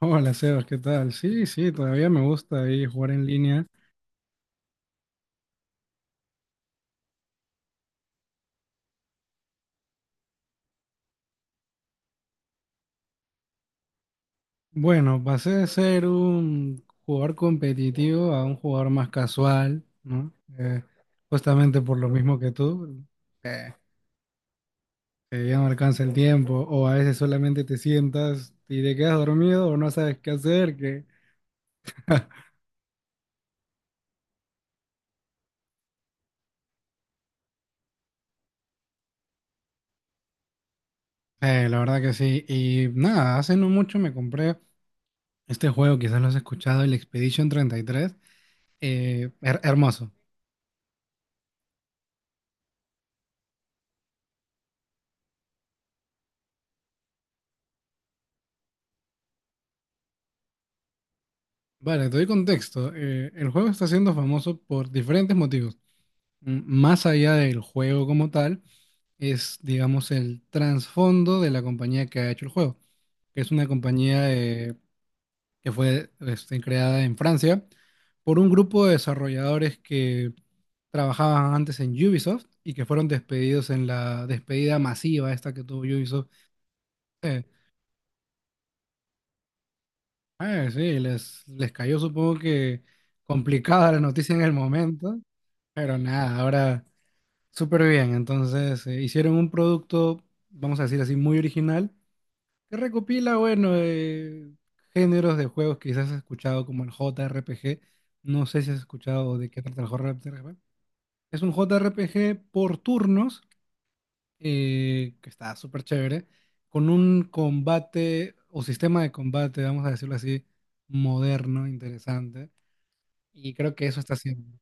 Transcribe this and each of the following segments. Hola Sebas, ¿qué tal? Sí, sí, todavía me gusta ahí jugar en línea. Bueno, pasé de ser un jugador competitivo a un jugador más casual, ¿no? Eh, justamente por lo mismo que tú, eh, que ya no alcanza el tiempo, o a veces solamente te sientas y te quedas dormido o no sabes qué hacer, que... La verdad que sí. Y nada, hace no mucho me compré este juego, quizás lo has escuchado, el Expedition 33. Hermoso. Vale, te doy contexto. El juego está siendo famoso por diferentes motivos. Más allá del juego como tal, es, digamos, el trasfondo de la compañía que ha hecho el juego, que es una compañía que fue creada en Francia por un grupo de desarrolladores que trabajaban antes en Ubisoft y que fueron despedidos en la despedida masiva esta que tuvo Ubisoft eh, sí, les cayó, supongo que complicada, la noticia en el momento, pero nada, ahora súper bien. Entonces, hicieron un producto, vamos a decir así, muy original, que recopila, bueno, géneros de juegos que quizás has escuchado como el JRPG. No sé si has escuchado de qué trata el JRPG. Es un JRPG por turnos, que está súper chévere, con un combate o sistema de combate, vamos a decirlo así, moderno, interesante, y creo que eso está haciendo.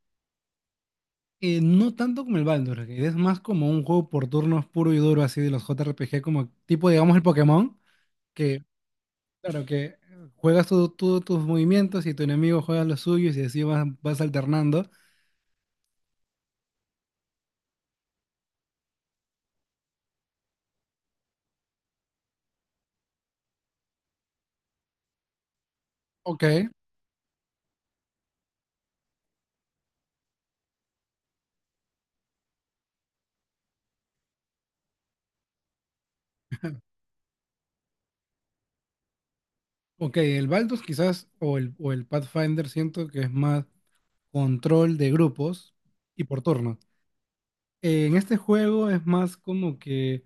No tanto como el Baldur's Gate, es más como un juego por turnos puro y duro, así de los JRPG, como tipo, digamos, el Pokémon, que, claro, que juegas tú, tus movimientos, y tu enemigo juega los suyos, y así vas, alternando. Ok, ok, el Baldur's quizás, o el Pathfinder, siento que es más control de grupos y por turno. En este juego es más como que,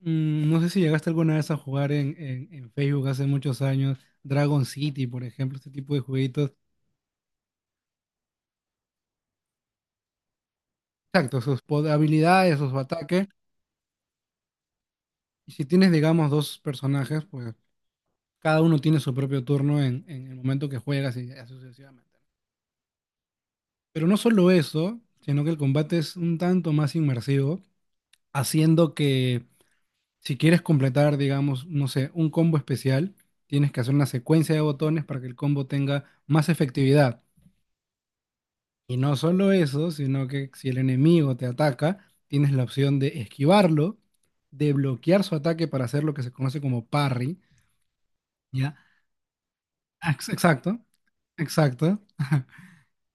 no sé si llegaste alguna vez a jugar en, Facebook, hace muchos años, Dragon City, por ejemplo, este tipo de jueguitos. Exacto, sus habilidades, sus ataques. Y si tienes, digamos, dos personajes, pues cada uno tiene su propio turno en, el momento que juegas, y así sucesivamente. Pero no solo eso, sino que el combate es un tanto más inmersivo, haciendo que, si quieres completar, digamos, no sé, un combo especial, tienes que hacer una secuencia de botones para que el combo tenga más efectividad. Y no solo eso, sino que si el enemigo te ataca, tienes la opción de esquivarlo, de bloquear su ataque para hacer lo que se conoce como parry, ¿ya? Exacto, exacto.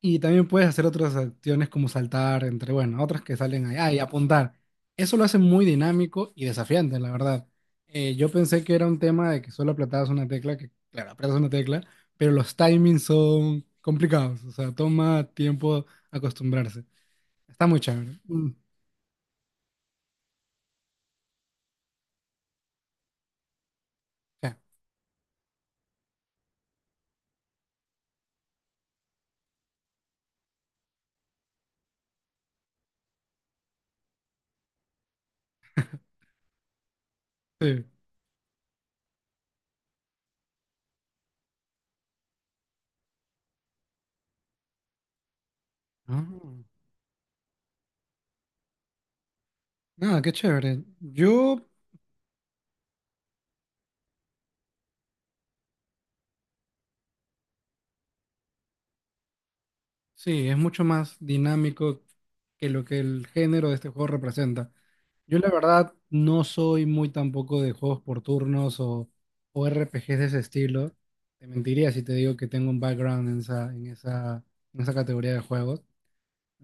Y también puedes hacer otras acciones como saltar, entre, bueno, otras que salen allá, y apuntar. Eso lo hace muy dinámico y desafiante, la verdad. Yo pensé que era un tema de que solo apretabas una tecla, que, claro, apretas una tecla, pero los timings son complicados, o sea, toma tiempo acostumbrarse. Está muy chévere. Mm, ya, sí. Ah, nada, qué chévere. Yo Sí, es mucho más dinámico que lo que el género de este juego representa. Yo la verdad no soy muy tampoco de juegos por turnos, o RPGs de ese estilo. Te mentiría si te digo que tengo un background en esa categoría de juegos.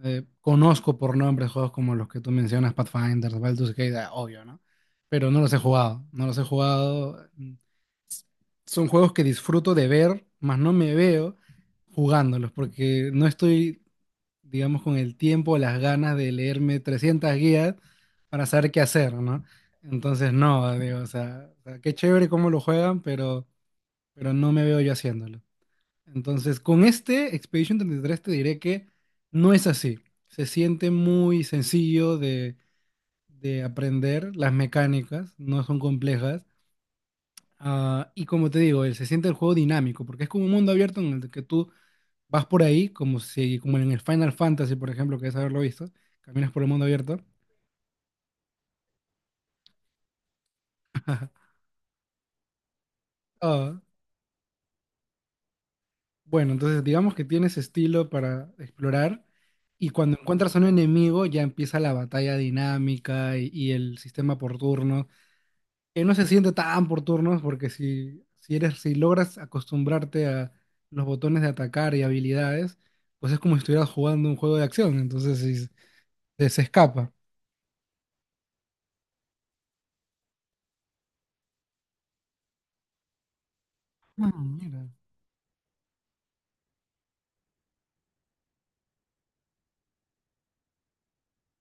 Conozco por nombre juegos como los que tú mencionas, Pathfinder, Baldur's Gate, ah, obvio, ¿no? Pero no los he jugado, no los he jugado. Son juegos que disfruto de ver, mas no me veo jugándolos porque no estoy, digamos, con el tiempo, las ganas de leerme 300 guías para saber qué hacer, ¿no? Entonces, no, digo, o sea, qué chévere cómo lo juegan, pero no me veo yo haciéndolo. Entonces, con este Expedition 33, te diré que no es así. Se siente muy sencillo de aprender, las mecánicas no son complejas. Ah, y como te digo, se siente el juego dinámico, porque es como un mundo abierto en el que tú vas por ahí, como si, como en el Final Fantasy, por ejemplo, que es haberlo visto, caminas por el mundo abierto. Ah, bueno, entonces digamos que tienes estilo para explorar, y cuando encuentras a un enemigo ya empieza la batalla dinámica, y el sistema por turnos, que no se siente tan por turnos, porque si logras acostumbrarte a los botones de atacar y habilidades, pues es como si estuvieras jugando un juego de acción, entonces sí, se escapa. Ah, mira.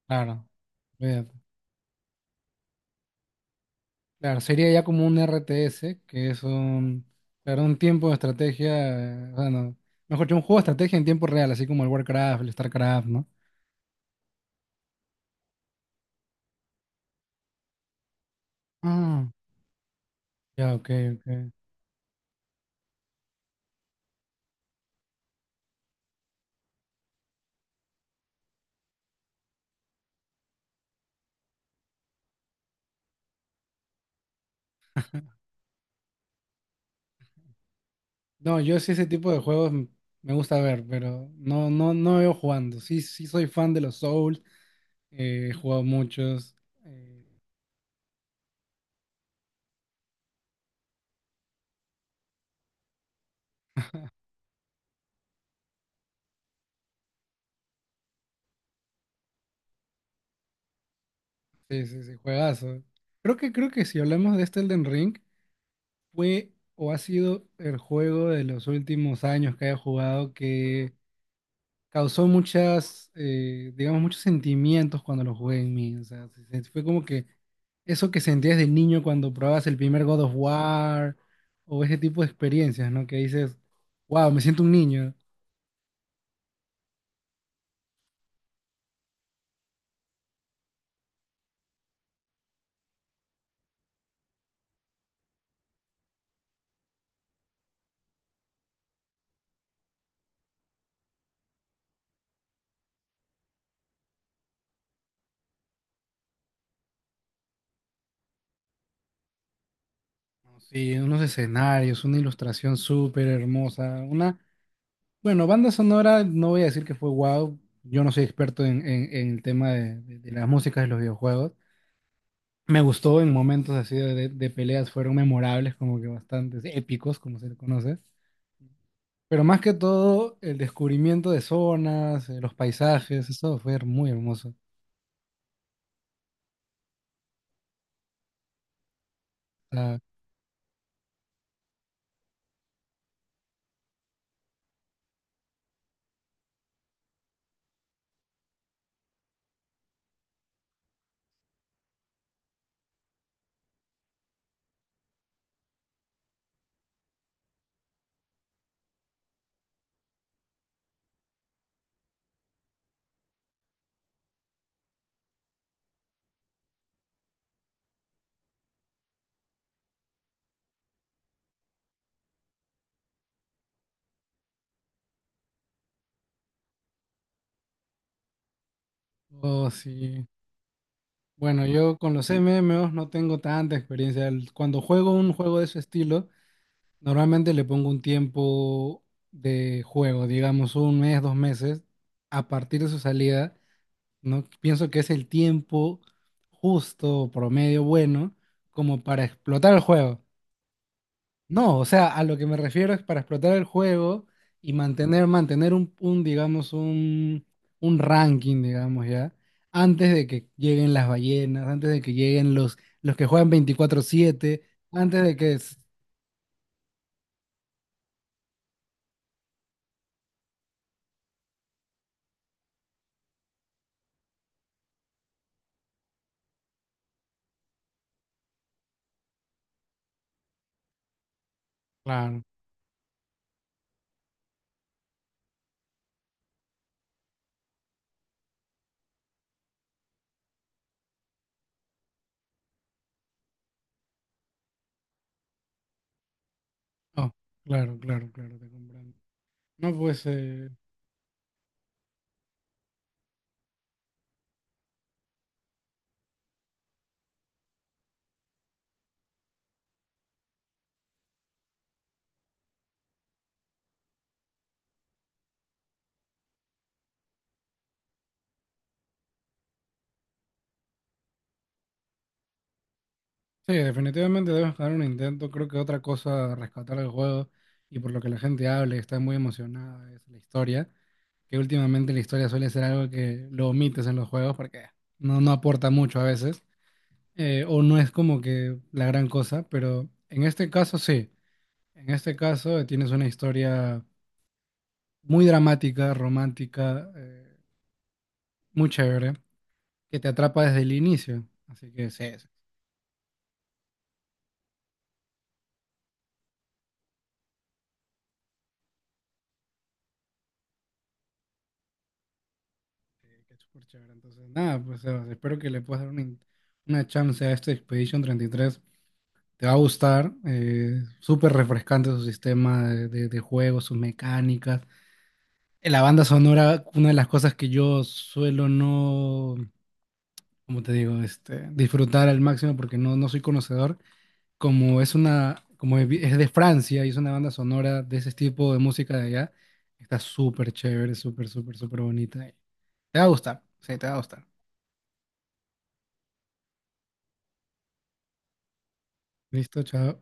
Claro. Claro, sería ya como un RTS, que es un, claro, un tiempo de estrategia, bueno, mejor dicho, un juego de estrategia en tiempo real, así como el Warcraft, el StarCraft, ¿no? Ah, ya, ok, ok. No, yo sí ese tipo de juegos, me gusta ver, pero no, no, no veo jugando. Sí, sí soy fan de los Souls, he jugado muchos. eh, sí, sí, sí, juegazo. Creo que si hablamos de este Elden Ring, fue o ha sido el juego de los últimos años que he jugado que causó digamos, muchos sentimientos cuando lo jugué en mí. O sea, fue como que eso que sentías de niño cuando probabas el primer God of War, o ese tipo de experiencias, ¿no? Que dices, wow, me siento un niño. Sí, unos escenarios, una ilustración súper hermosa, bueno, banda sonora, no voy a decir que fue wow, yo no soy experto en, el tema de, las músicas de los videojuegos. Me gustó en momentos así peleas, fueron memorables, como que bastante épicos, como se le conoce. Pero más que todo, el descubrimiento de zonas, los paisajes, eso fue muy hermoso. O sea, oh, sí. Bueno, yo con los MMOs no tengo tanta experiencia. Cuando juego un juego de ese estilo, normalmente le pongo un tiempo de juego, digamos un mes, 2 meses, a partir de su salida, ¿no? Pienso que es el tiempo justo, promedio bueno, como para explotar el juego. No, o sea, a lo que me refiero es para explotar el juego y mantener un, digamos, un, ranking, digamos, ya, antes de que lleguen las ballenas, antes de que lleguen los que juegan 24/7, antes de que... Claro, oh, claro, claro, claro, te comprendo. No, pues, sí, definitivamente debemos dar un intento, creo que otra cosa a rescatar el juego y por lo que la gente habla y está muy emocionada es la historia. Que últimamente la historia suele ser algo que lo omites en los juegos porque no aporta mucho a veces, o no es como que la gran cosa, pero en este caso sí, en este caso, tienes una historia muy dramática, romántica, muy chévere, que te atrapa desde el inicio, así que sí, sí, sí, que es súper chévere. Entonces, nada, pues espero que le puedas dar una chance a este Expedition 33. Te va a gustar, súper refrescante su sistema de juego, sus mecánicas. La banda sonora, una de las cosas que yo suelo no, como te digo, disfrutar al máximo porque no soy conocedor, como es una, como es vi- es de Francia y es una banda sonora de ese tipo de música de allá, está súper chévere, súper, súper, súper bonita. Te va a gustar, sí, te va a gustar. Listo, chao.